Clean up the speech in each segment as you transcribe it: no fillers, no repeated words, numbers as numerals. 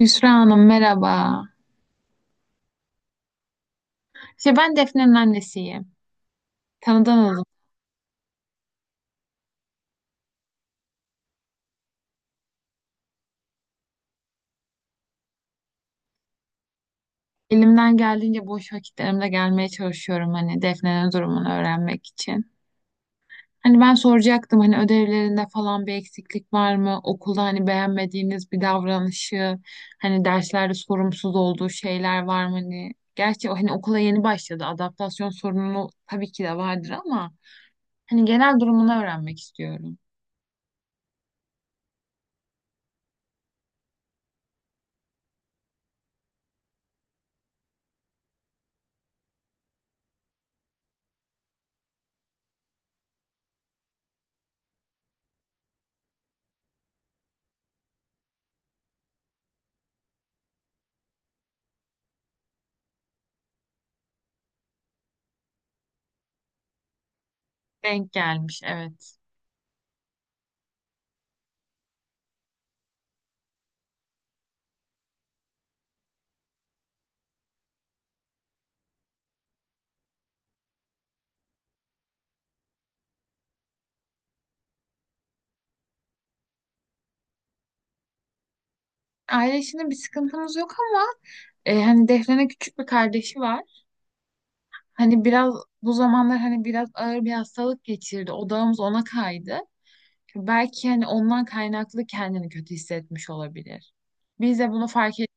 Yusra Hanım merhaba. İşte ben Defne'nin annesiyim. Tanıdan hanım. Elimden geldiğince boş vakitlerimde gelmeye çalışıyorum hani Defne'nin durumunu öğrenmek için. Hani ben soracaktım, hani ödevlerinde falan bir eksiklik var mı? Okulda hani beğenmediğiniz bir davranışı, hani derslerde sorumsuz olduğu şeyler var mı? Hani gerçi o, hani okula yeni başladı. Adaptasyon sorunu tabii ki de vardır ama hani genel durumunu öğrenmek istiyorum. Denk gelmiş, evet. Aile içinde bir sıkıntımız yok ama hani Defne'nin küçük bir kardeşi var. Hani biraz bu zamanlar hani biraz ağır bir hastalık geçirdi. Odağımız ona kaydı. Belki hani ondan kaynaklı kendini kötü hissetmiş olabilir. Biz de bunu fark ettik.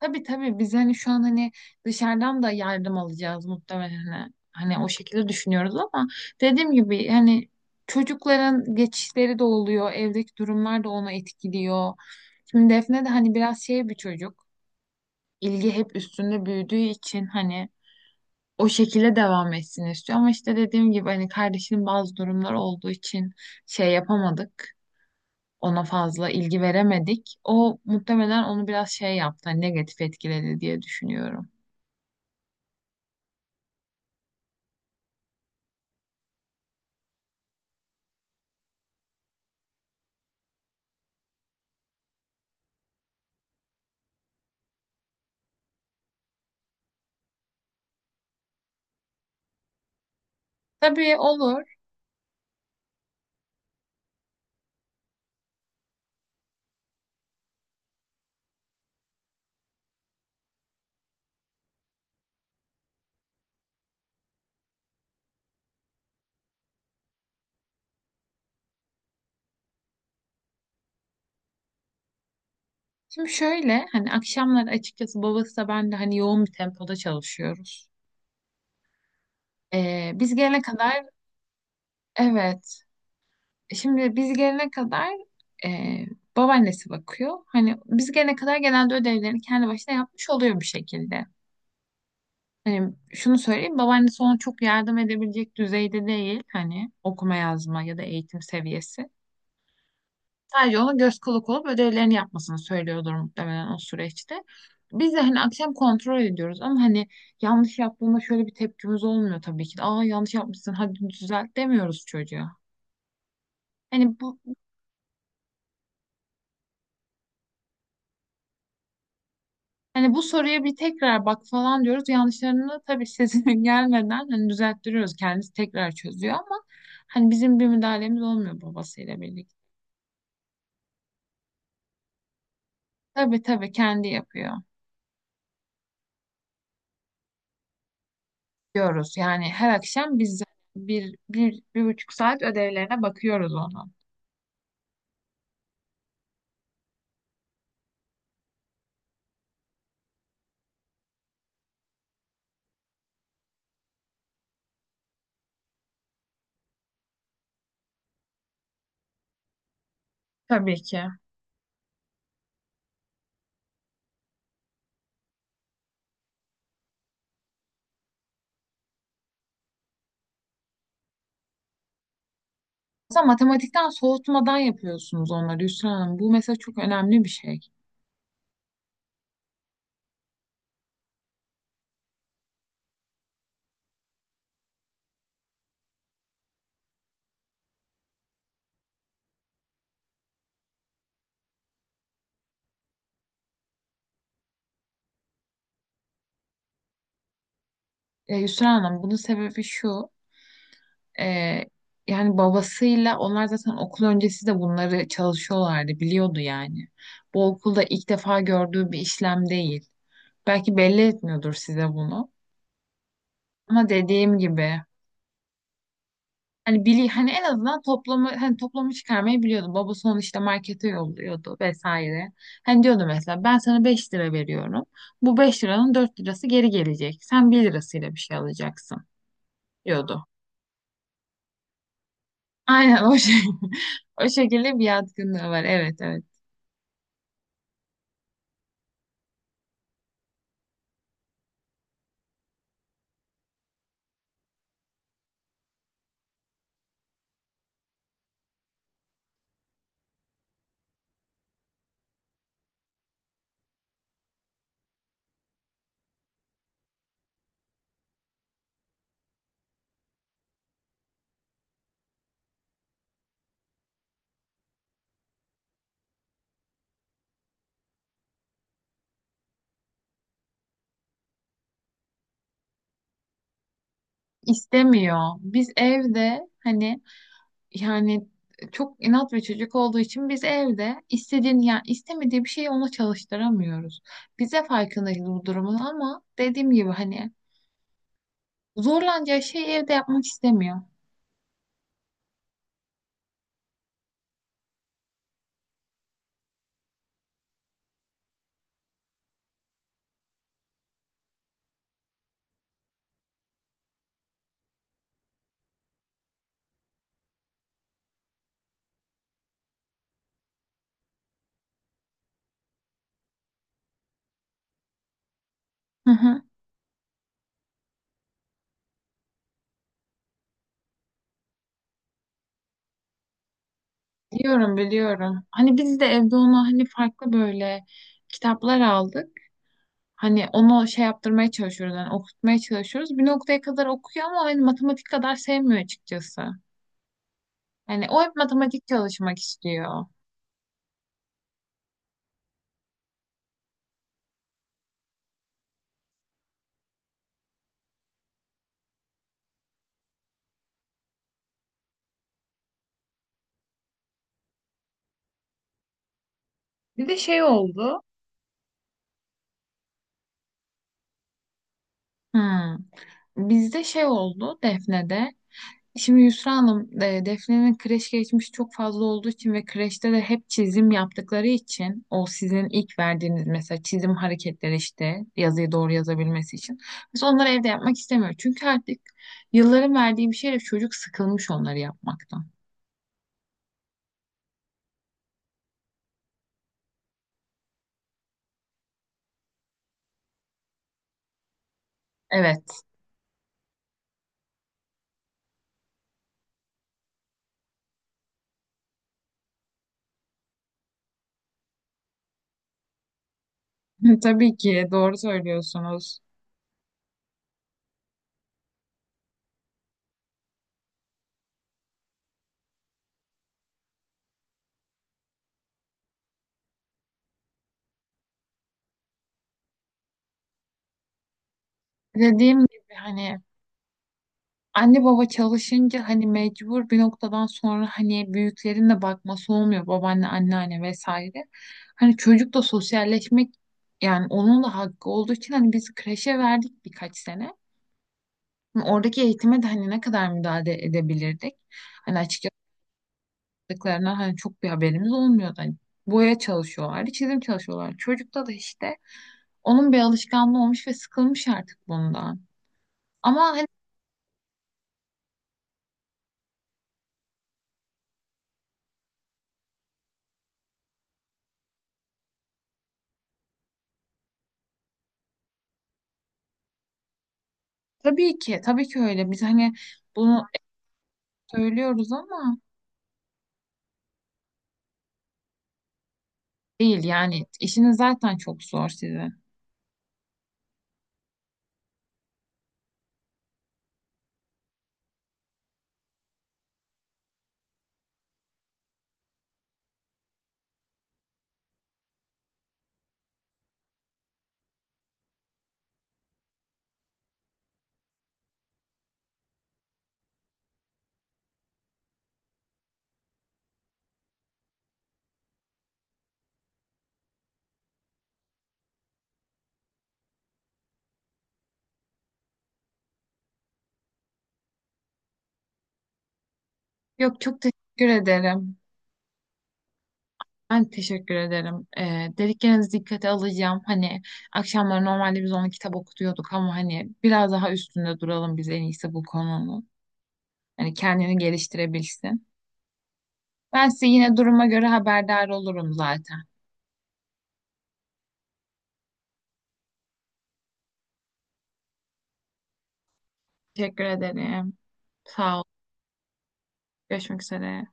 Tabii tabii, biz hani şu an hani dışarıdan da yardım alacağız muhtemelen. Hani o şekilde düşünüyoruz ama dediğim gibi hani çocukların geçişleri de oluyor. Evdeki durumlar da onu etkiliyor. Şimdi Defne de hani biraz şey bir çocuk. İlgi hep üstünde büyüdüğü için hani o şekilde devam etsin istiyor. Ama işte dediğim gibi hani kardeşinin bazı durumları olduğu için şey yapamadık. Ona fazla ilgi veremedik. O muhtemelen onu biraz şey yaptı, hani negatif etkiledi diye düşünüyorum. Tabii, olur. Şimdi şöyle, hani akşamları açıkçası babası da ben de hani yoğun bir tempoda çalışıyoruz. Biz gelene kadar evet. Şimdi biz gelene kadar e, babaannesi bakıyor. Hani biz gelene kadar genelde ödevlerini kendi başına yapmış oluyor bir şekilde. Hani şunu söyleyeyim, babaannesi ona çok yardım edebilecek düzeyde değil, hani okuma yazma ya da eğitim seviyesi. Sadece ona göz kulak olup ödevlerini yapmasını söylüyordur muhtemelen o süreçte. Biz de hani akşam kontrol ediyoruz ama hani yanlış yaptığında şöyle bir tepkimiz olmuyor tabii ki de. Aa, yanlış yapmışsın, hadi düzelt demiyoruz çocuğa. Hani bu, hani bu soruya bir tekrar bak falan diyoruz. Yanlışlarını tabii sesinin gelmeden hani düzelttiriyoruz. Kendisi tekrar çözüyor ama hani bizim bir müdahalemiz olmuyor babasıyla birlikte. Tabii tabii, kendi yapıyor diyoruz. Yani her akşam biz 1,5 saat ödevlerine bakıyoruz onu. Tabii ki. Mesela matematikten soğutmadan yapıyorsunuz onları Yusra Hanım. Bu mesela çok önemli bir şey. Yusra Hanım, bunun sebebi şu. e, Yani babasıyla onlar zaten okul öncesi de bunları çalışıyorlardı. Biliyordu yani. Bu okulda ilk defa gördüğü bir işlem değil. Belki belli etmiyordur size bunu. Ama dediğim gibi, hani bili hani en azından toplamı çıkarmayı biliyordum. Babası onu işte markete yolluyordu vesaire. Hani diyordu mesela, ben sana 5 lira veriyorum. Bu 5 liranın 4 lirası geri gelecek. Sen 1 lirasıyla bir şey alacaksın diyordu. Aynen o şey. O şekilde bir yatkınlığı var. Evet evet. İstemiyor. Biz evde hani, yani çok inat ve çocuk olduğu için biz evde istediğini, yani istemediği bir şeyi ona çalıştıramıyoruz. Bize farkındayız bu durumun ama dediğim gibi hani zorlanacağı şeyi evde yapmak istemiyor. Hı hı. Biliyorum biliyorum. Hani biz de evde ona hani farklı böyle kitaplar aldık. Hani onu şey yaptırmaya çalışıyoruz. Hani okutmaya çalışıyoruz. Bir noktaya kadar okuyor ama hani matematik kadar sevmiyor açıkçası. Hani o hep matematik çalışmak istiyor. Bir de şey oldu. Hmm. Bizde şey oldu Defne'de. Şimdi Yusra Hanım, Defne'nin kreş geçmişi çok fazla olduğu için ve kreşte de hep çizim yaptıkları için o sizin ilk verdiğiniz mesela çizim hareketleri, işte yazıyı doğru yazabilmesi için. Biz onları evde yapmak istemiyoruz. Çünkü artık yılların verdiği bir şeyle çocuk sıkılmış onları yapmaktan. Evet, tabii ki doğru söylüyorsunuz. Dediğim gibi hani anne baba çalışınca hani mecbur bir noktadan sonra hani büyüklerin de bakması olmuyor, babaanne anneanne vesaire. Hani çocuk da sosyalleşmek, yani onun da hakkı olduğu için hani biz kreşe verdik birkaç sene. Hani oradaki eğitime de hani ne kadar müdahale edebilirdik. Hani açıkçası yaptıklarına hani çok bir haberimiz olmuyordu. Hani boya çalışıyorlardı, çizim çalışıyorlardı. Çocukta da işte onun bir alışkanlığı olmuş ve sıkılmış artık bundan. Ama hani, tabii ki tabii ki öyle. Biz hani bunu söylüyoruz ama değil, yani işiniz zaten çok zor sizin. Yok, çok teşekkür ederim. Ben teşekkür ederim. Dediklerinizi dikkate alacağım. Hani akşamları normalde biz onu kitap okutuyorduk ama hani biraz daha üstünde duralım biz, en iyisi bu konunun. Hani kendini geliştirebilsin. Ben size yine duruma göre haberdar olurum zaten. Teşekkür ederim. Sağ ol. Görüşmek üzere.